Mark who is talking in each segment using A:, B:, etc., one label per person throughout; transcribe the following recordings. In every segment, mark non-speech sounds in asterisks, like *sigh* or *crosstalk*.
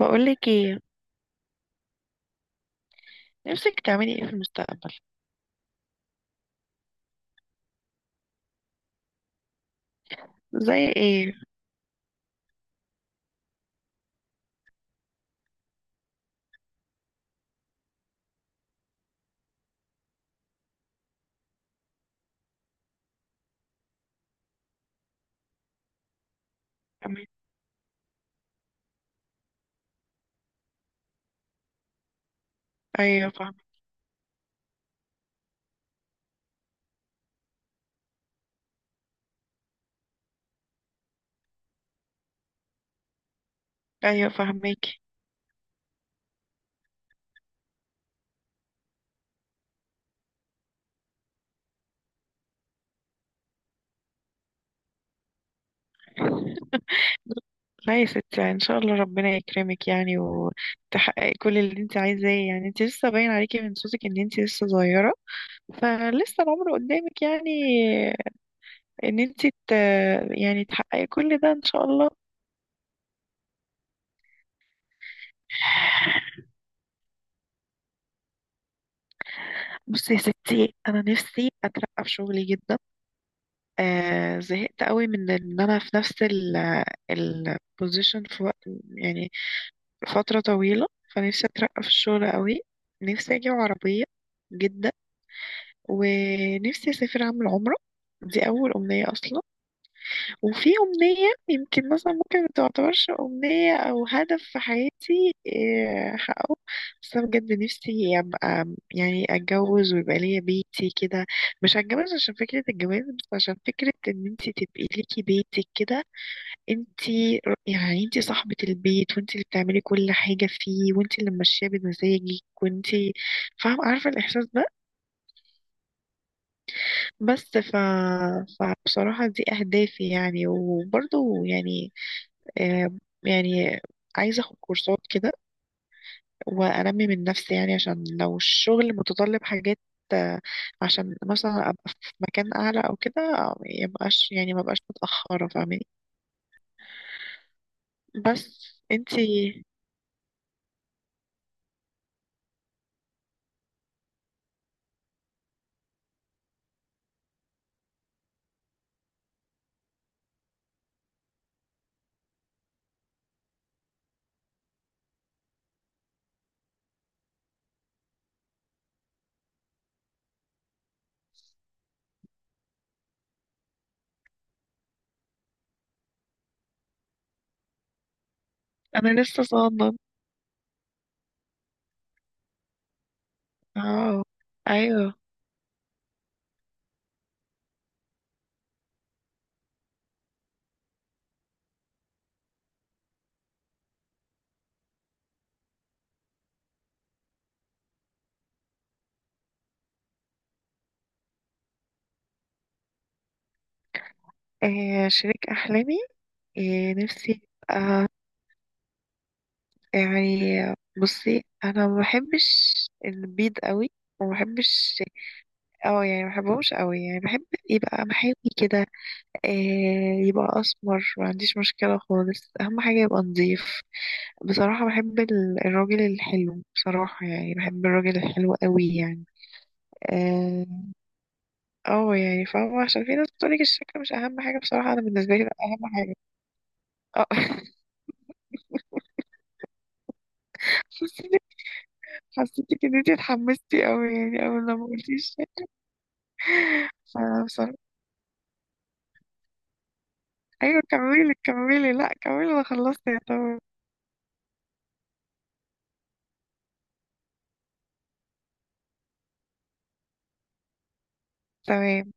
A: بقولك ايه؟ نفسك تعملي ايه في المستقبل؟ زي ايه؟ أمي- ايوه فاهمة. ايوه فاهمك. لا يا ستي ان شاء الله ربنا يكرمك، يعني وتحققي كل اللي انت عايزاه. يعني انت لسه باين عليكي من صوتك ان انت لسه صغيرة، فلسه العمر قدامك يعني. ان انت ت... يعني تحققي كل ده ان شاء الله. بصي يا ستي، انا نفسي اترقى في شغلي جدا. آه، زهقت قوي من ان انا في نفس البوزيشن في وقت، يعني فترة طويلة. فنفسي أترقى في الشغل قوي. نفسي أجيب عربية جدا. ونفسي أسافر أعمل عمرة، دي أول أمنية أصلا. وفي أمنية يمكن مثلا ممكن ما تعتبرش أمنية، أو هدف في حياتي إيه، أحققه. بس أنا بجد نفسي أبقى، يعني أتجوز ويبقى ليا بيتي كده. مش هتجوز عشان فكرة الجواز، بس عشان فكرة إن أنتي تبقي ليكي بيتك كده. انتي يعني انتي صاحبة البيت، وانتي اللي بتعملي كل حاجة فيه، وانتي اللي ماشية بمزاجك، وانتي فاهمة عارفة الإحساس ده. بس ف... فبصراحة دي أهدافي يعني، وبرضه يعني آه، يعني عايزة أخد كورسات كده وأنمي من نفسي، يعني عشان لو الشغل متطلب حاجات آه، عشان مثلا أبقى في مكان أعلى أو كده. ميبقاش يعني مبقاش متأخرة، فاهماني؟ بس انتي؟ أنا لسه صاعدة. اه. ايوه. آه، شريك احلامي. آه، نفسي يبقى يعني، بصي انا ما بحبش البيض قوي، وما بحبش، اه يعني ما بحبهمش قوي. يعني بحب يبقى محاوي كده. آه، يبقى اسمر ما عنديش مشكله خالص، اهم حاجه يبقى نظيف. بصراحه بحب الراجل الحلو، بصراحه يعني بحب الراجل الحلو قوي يعني. اه. آه، يعني فاهمه. عشان في ناس بتقولك الشكل مش اهم حاجه، بصراحه انا بالنسبه لي ده اهم حاجه. اه. *laughs* حسيتك ان انتي اتحمستي قوي، يعني اول لما قلتي الشيء. فانا بصراحة. ايوه كملي كملي، لا كملي، انا خلصت يا طبعا. تمام.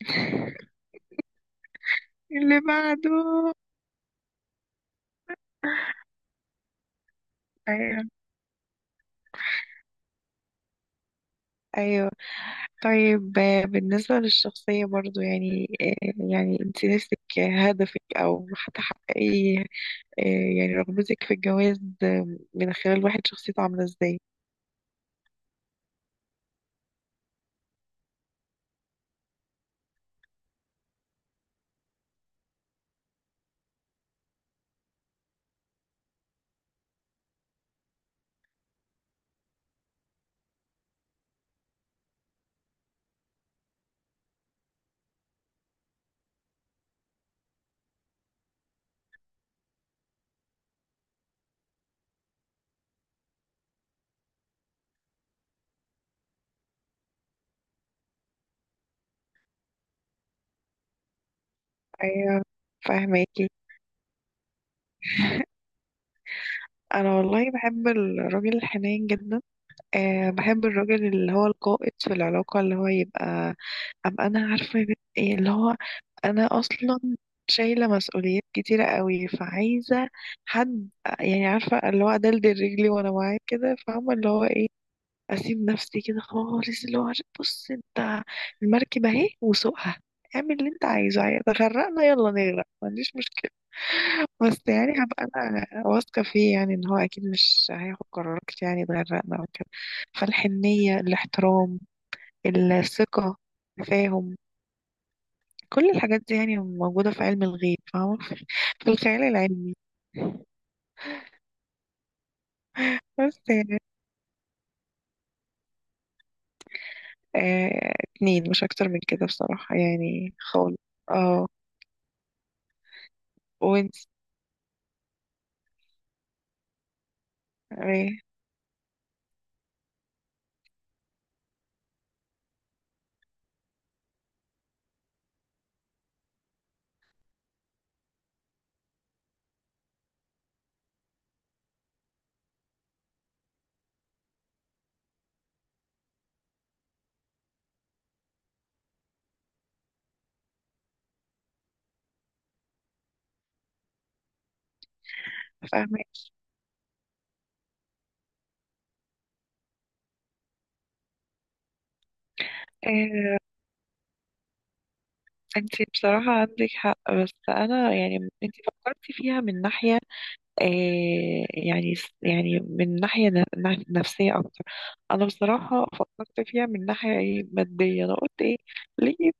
A: *laughs* اللي بعده. ايوه. ايوه. طيب آه، بالنسبة للشخصية برضو يعني آه، يعني انت نفسك هدفك او هتحققي آه، يعني رغبتك في الجواز آه، من خلال واحد شخصيته عاملة ازاي؟ ايوه فاهماكي. *laughs* انا والله بحب الراجل الحنين جدا. أه بحب الراجل اللي هو القائد في العلاقة، اللي هو يبقى أبقى أنا عارفة إيه اللي هو. أنا أصلا شايلة مسؤوليات كتيرة قوي، فعايزة حد يعني، عارفة اللي هو أدلدل رجلي وأنا معاه كده، فاهمة اللي هو إيه. اسيب نفسي كده خالص، اللي هو بص انت، المركب اهي وسوقها، اعمل اللي انت عايزه، عايز غرقنا يلا نغرق، ما عنديش مشكله. بس يعني هبقى انا واثقه فيه، يعني ان هو اكيد مش هياخد قرارات يعني تغرقنا او كده. فالحنيه، الاحترام، الثقه، التفاهم، كل الحاجات دي يعني موجوده في علم الغيب، فاهمه؟ *laughs* في الخيال العلمي. بس يعني آه اتنين، مش اكتر من كده بصراحه يعني خالص. اه. وانت؟ إيه؟ فاهمك. آه، انت بصراحة عندك حق، بس انا يعني انت فكرتي فيها من ناحية آه، يعني يعني من ناحية نفسية اكتر. انا بصراحة فكرت فيها من ناحية ايه، مادية. انا قلت ايه؟ ليه؟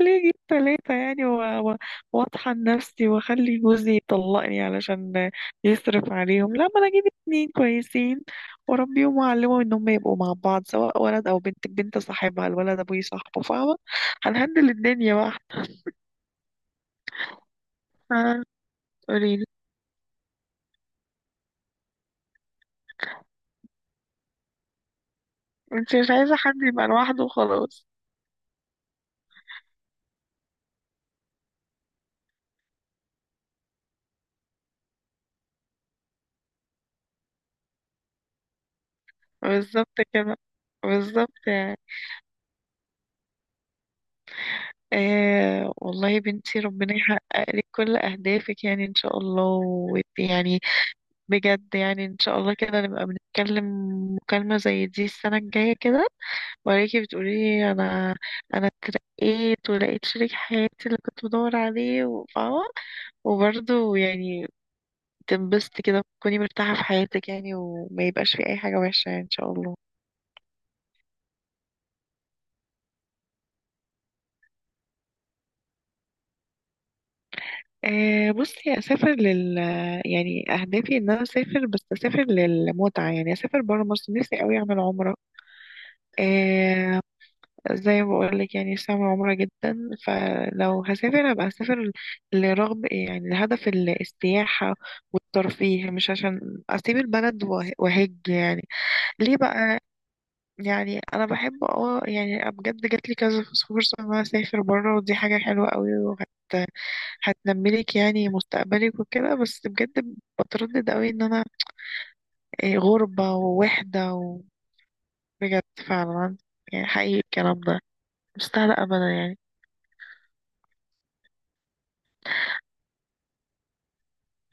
A: ليه جيب تلاتة يعني، واطحن نفسي واخلي جوزي يطلقني علشان يصرف عليهم؟ لا، ما انا اجيب اتنين كويسين واربيهم واعلمهم ان هم يبقوا مع بعض. سواء ولد او بنت، البنت صاحبها الولد، ابوي صاحبه، فاهمة؟ هنهندل الدنيا بقى. *laughs* آه، قوليلي. انت مش عايزة حد يبقى لوحده وخلاص. بالظبط كده، بالظبط يعني. آه والله يا بنتي ربنا يحقق لك كل أهدافك، يعني إن شاء الله يعني بجد. يعني ان شاء الله كده نبقى بنتكلم مكالمة زي دي السنة الجاية كده، وراكي بتقولي لي، انا انا اترقيت ولقيت شريك حياتي اللي كنت بدور عليه وفاهمة. وبرضه يعني تنبسطي كده، تكوني مرتاحة في حياتك يعني، وما يبقاش في اي حاجة وحشة يعني ان شاء الله. أه بصي اسافر يعني اهدافي ان انا اسافر، بس اسافر للمتعة. يعني اسافر برا مصر نفسي قوي اعمل عمرة، زي ما بقولك يعني سامة عمرة جدا. فلو هسافر هبقى هسافر لرغب يعني لهدف السياحة والترفيه، مش عشان أسيب البلد وأهج يعني. ليه بقى؟ يعني أنا بحب اه يعني بجد جاتلي كذا فرصة إن أنا أسافر برا، ودي حاجة حلوة قوي، هتنملك يعني مستقبلك وكده، بس بجد بتردد قوي إن أنا إيه، غربة ووحدة وبجد. فعلا، يعني حقيقي الكلام ده، مستاهلة أبدا يعني.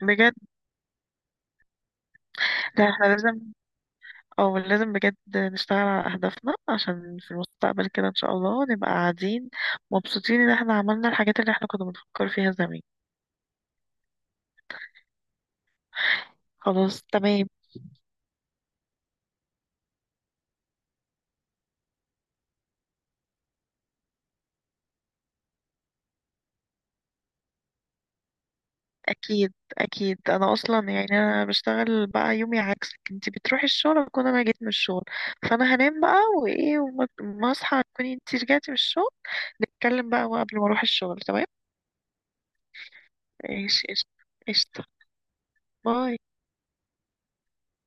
A: بجد. ده احنا لازم، او لازم بجد نشتغل على اهدافنا عشان في المستقبل كده ان شاء الله نبقى قاعدين مبسوطين ان احنا عملنا الحاجات اللي احنا كنا بنفكر فيها زمان. خلاص تمام. اكيد اكيد. انا اصلا يعني انا بشتغل بقى يومي عكسك، انتي بتروحي الشغل اكون انا جيت من الشغل. فانا هنام بقى وايه وما ما اصحى تكوني انتي رجعتي من الشغل، نتكلم بقى قبل ما اروح الشغل، تمام؟ ايش ايش. قشطة. باي.